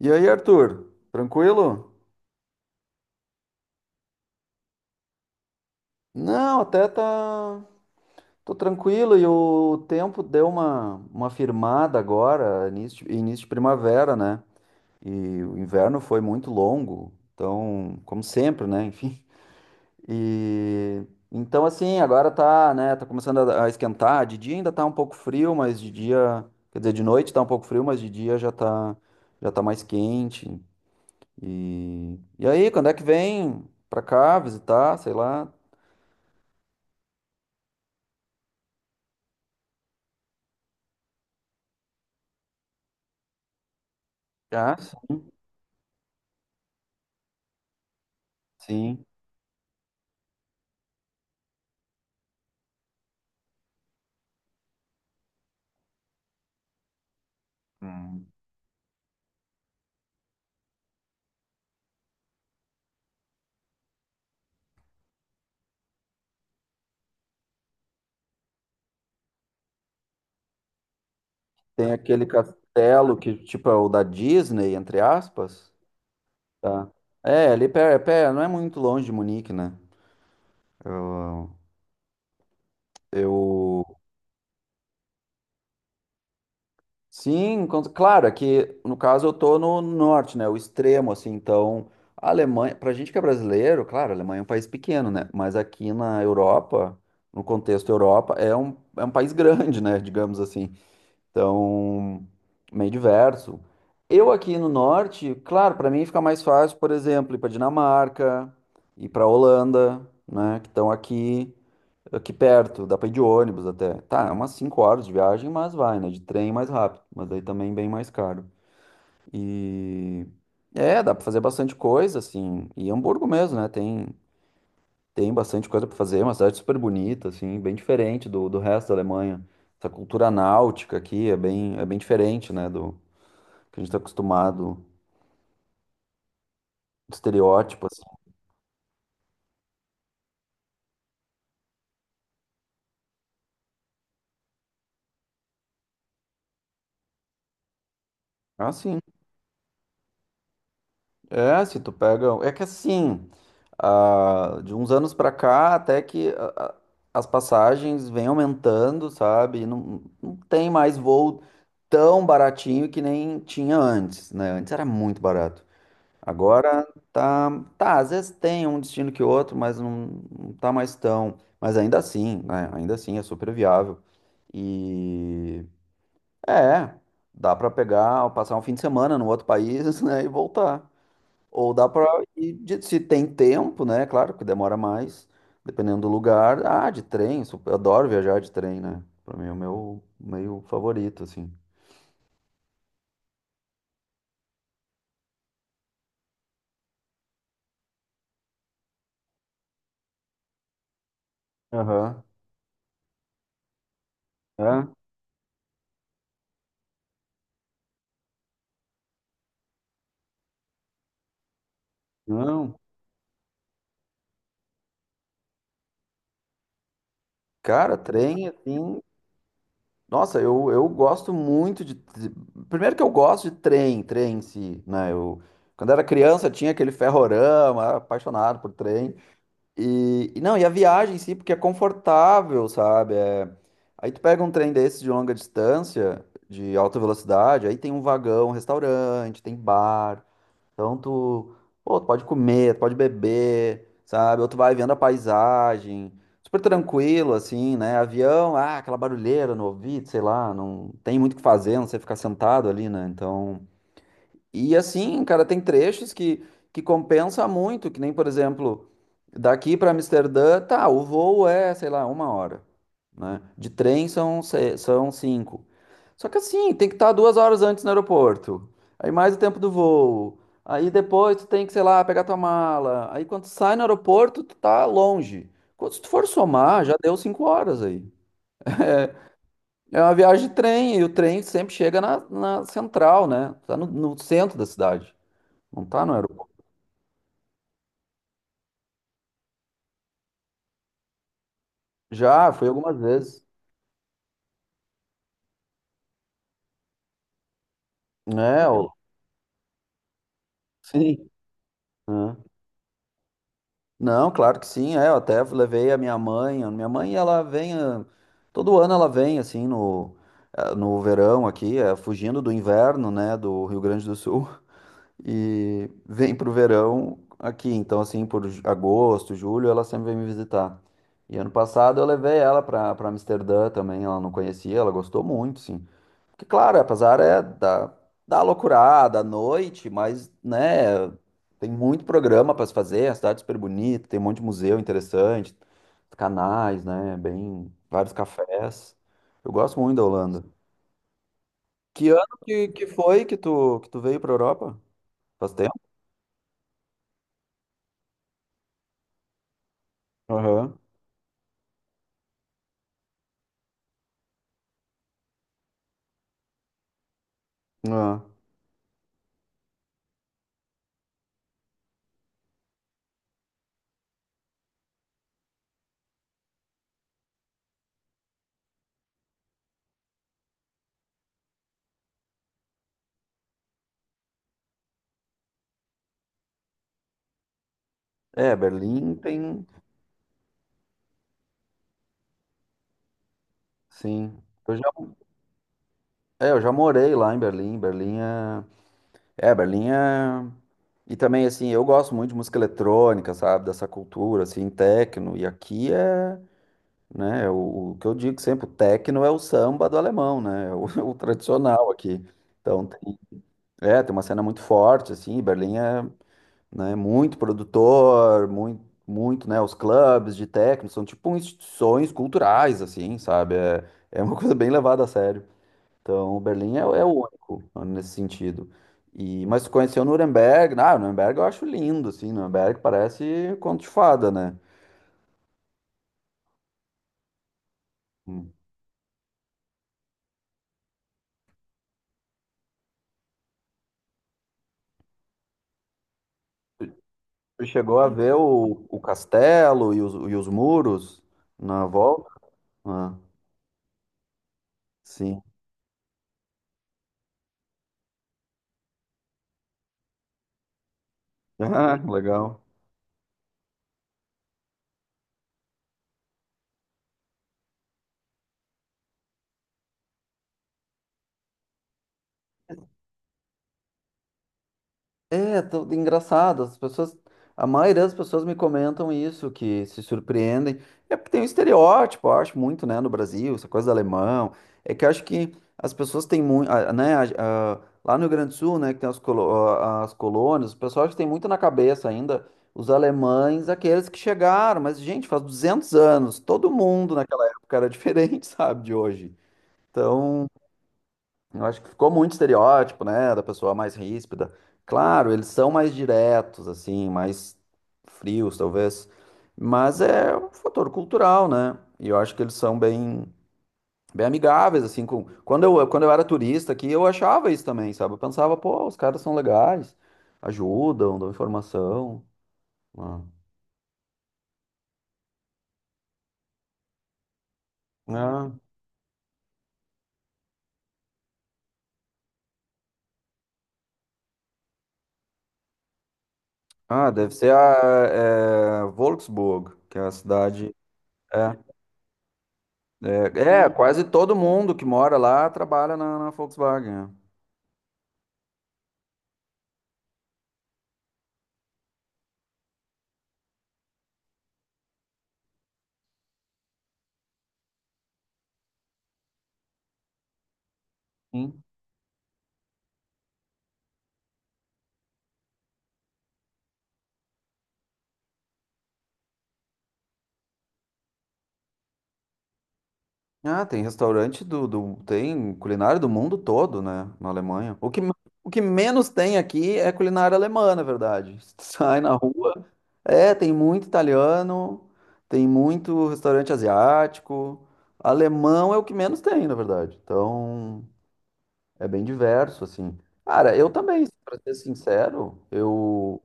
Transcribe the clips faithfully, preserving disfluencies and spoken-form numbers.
E aí, Arthur, tranquilo? Não, até tá. Tô tranquilo e o tempo deu uma, uma firmada agora, início, de- início de primavera, né? E o inverno foi muito longo, então, como sempre, né? Enfim. E então, assim, agora tá, né? Tá começando a, a esquentar. De dia ainda tá um pouco frio, mas de dia. Quer dizer, de noite tá um pouco frio, mas de dia já tá, já tá mais quente. E, e aí, quando é que vem pra cá visitar? Sei lá. Ah, sim, sim. Hum. Tem aquele castelo que, tipo, é o da Disney, entre aspas. Tá. É, ali pé, pé, não é muito longe de Munique, né? Eu, eu... Sim, com- claro, é que no caso eu tô no norte, né? O extremo, assim, então a Alemanha, pra gente que é brasileiro, claro, a Alemanha é um país pequeno, né? Mas aqui na Europa, no contexto Europa, é um, é um país grande, né? Digamos assim. Então, meio diverso. Eu aqui no norte, claro, para mim fica mais fácil, por exemplo, ir para Dinamarca, ir para Holanda, né, que estão aqui aqui perto, dá para ir de ônibus até. Tá, é umas cinco horas de viagem, mas vai, né, de trem mais rápido, mas daí também bem mais caro. E é, dá para fazer bastante coisa assim, e Hamburgo mesmo, né? Tem tem bastante coisa para fazer, é uma cidade super bonita, assim, bem diferente do, do resto da Alemanha. Essa cultura náutica aqui é bem, é bem diferente, né, do que a gente está acostumado, do estereótipo, assim. Ah, sim. É, se tu pega... É que assim, ah, de uns anos para cá, até que a- a- as passagens vêm aumentando, sabe? E Não, não tem mais voo tão baratinho que nem tinha antes, né? Antes era muito barato. Agora tá, tá, às vezes tem um destino que outro, mas não, não tá mais tão. Mas ainda assim, né? Ainda assim é super viável. E é, dá pra pegar, passar um fim de semana no outro país, né, e voltar. Ou dá pra ir de- se tem tempo, né? Claro que demora mais, dependendo do lugar. Ah, de trem, su- eu adoro viajar de trem, né? Pra mim é o meu meio favorito, assim. Aham. É? Não. Cara, trem, assim. Nossa, eu, eu gosto muito de. De- Primeiro que eu gosto de trem, trem em si, né? Eu, quando era criança tinha aquele ferrorama, era apaixonado por trem. E, e não, e a viagem em si, porque é confortável, sabe? É- Aí tu pega um trem desse de longa distância, de alta velocidade, aí tem um vagão, um restaurante, tem bar. Então tu, pô, tu pode comer, tu pode beber, sabe? Ou tu vai vendo a paisagem, super tranquilo, assim, né? Avião, ah, aquela barulheira no ouvido, sei lá, não tem muito o que fazer, não sei ficar sentado ali, né? Então. E assim, cara, tem trechos que, que compensa muito, que nem, por exemplo, daqui para Amsterdã, tá, o voo é, sei lá, uma hora, né? De trem são, se- são cinco. Só que assim, tem que estar duas horas antes no aeroporto, aí mais o tempo do voo, aí depois tu tem que, sei lá, pegar tua mala, aí quando tu sai no aeroporto, tu tá longe. Quando se tu for somar, já deu cinco horas aí. É é uma viagem de trem, e o trem sempre chega na, na central, né? Tá no, no centro da cidade. Não tá no aeroporto. Já, fui algumas vezes. É, ó, sim. né? Não, claro que sim. É, eu até levei a minha mãe. A minha mãe, ela vem. Ah, todo ano ela vem, assim, no, ah, no verão aqui, é, fugindo do inverno, né, do Rio Grande do Sul. E vem pro verão aqui. Então, assim, por ju- agosto, julho, ela sempre vem me visitar. E ano passado eu levei ela pra, pra Amsterdã também. Ela não conhecia, ela gostou muito, sim. Porque, claro, apesar é da, da loucurada à noite, mas, né, tem muito programa para se fazer, a cidade é super bonita, tem um monte de museu interessante, canais, né, bem, vários cafés. Eu gosto muito da Holanda. Que ano que, que foi que tu, que tu veio para Europa? Faz tempo? Aham. Ah. É, Berlim tem, sim. Eu já, é, eu já morei lá em Berlim. Berlim é É, Berlim é... E também, assim, eu gosto muito de música eletrônica, sabe? Dessa cultura, assim, techno. E aqui é, né, o, o que eu digo sempre, o techno é o samba do alemão, né? É O, o tradicional aqui. Então, tem, é, tem uma cena muito forte, assim, Berlim é, né, muito produtor, muito, muito, né? Os clubes de techno são tipo instituições culturais, assim, sabe? É, é uma coisa bem levada a sério. Então, Berlim é, é o único né, nesse sentido. E, mas tu conheceu Nuremberg, ah, Nuremberg eu acho lindo, assim, Nuremberg parece conto de fada, né? Hum. Você chegou a ver o, o castelo e os, e os muros na volta? Ah, sim. Ah, legal. É, tô- engraçado, as pessoas, a maioria das pessoas me comentam isso, que se surpreendem. É porque tem um estereótipo, eu acho muito, né, no Brasil, essa coisa do alemão. É que eu acho que as pessoas têm muito, né, a- a- lá no Rio Grande do Sul, né, que tem as, colo- a- as colônias, o pessoal acho que tem muito na cabeça ainda os alemães, aqueles que chegaram, mas gente, faz duzentos anos, todo mundo naquela época era diferente, sabe, de hoje. Então, eu acho que ficou muito estereótipo, né, da pessoa mais ríspida. Claro, eles são mais diretos, assim, mais frios, talvez. Mas é um fator cultural, né? E eu acho que eles são bem, bem amigáveis, assim, com... Quando eu, quando eu era turista aqui, eu achava isso também, sabe? Eu pensava, pô, os caras são legais, ajudam, dão informação. Ah, ah, ah, deve ser a é, Wolfsburg, que é a cidade... é. É, é, quase todo mundo que mora lá trabalha na, na Volkswagen. Né? Sim. Ah, tem restaurante do, do- tem culinária do mundo todo, né, na Alemanha. O que, o que menos tem aqui é culinária alemã, na verdade. tu Sai na rua, é, tem muito italiano, tem muito restaurante asiático. Alemão é o que menos tem, na verdade. Então, é bem diverso, assim. Cara, eu também, para ser sincero, eu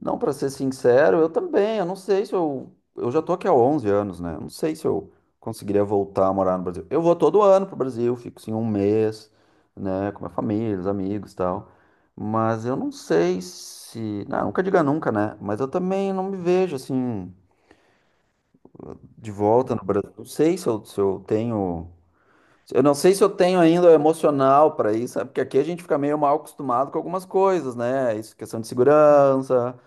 Não, para ser sincero, eu também. Eu não sei se eu. Eu já tô aqui há onze anos, né? Eu Não sei se eu conseguiria voltar a morar no Brasil. Eu vou todo ano pro Brasil, fico assim um mês, né? Com minha família, os amigos e tal. Mas eu não sei se. Não, nunca diga nunca, né? Mas eu também não me vejo assim de volta no Brasil. Não sei se eu, se eu tenho. Eu não sei se eu tenho ainda o emocional para isso, sabe? Porque aqui a gente fica meio mal acostumado com algumas coisas, né? Isso, questão de segurança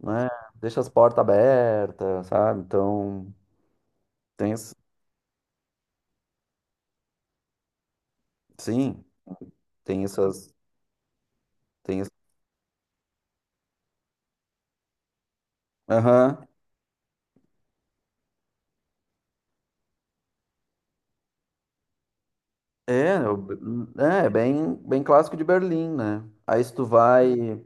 né? Deixa as portas abertas, sabe? Então, tem, esse- sim, tem essas, tem esse- Aham. É, eu- é, é bem, bem clássico de Berlim, né? Aí se tu vai,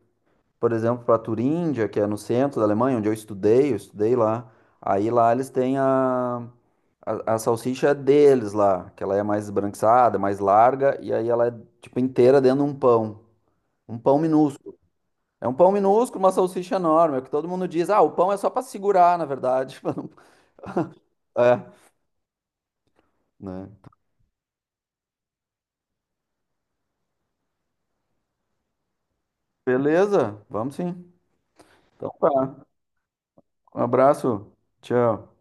por exemplo, para Turíndia, que é no centro da Alemanha, onde eu estudei, eu estudei lá. Aí lá eles têm a, a, a salsicha é deles lá, que ela é mais esbranquiçada, mais larga, e aí ela é tipo inteira dentro de um pão. Um pão minúsculo. É um pão minúsculo, uma salsicha enorme. É o que todo mundo diz. Ah, o pão é só para segurar, na verdade. pra não- É, né? Beleza, vamos sim. Então tá. Um abraço. Tchau.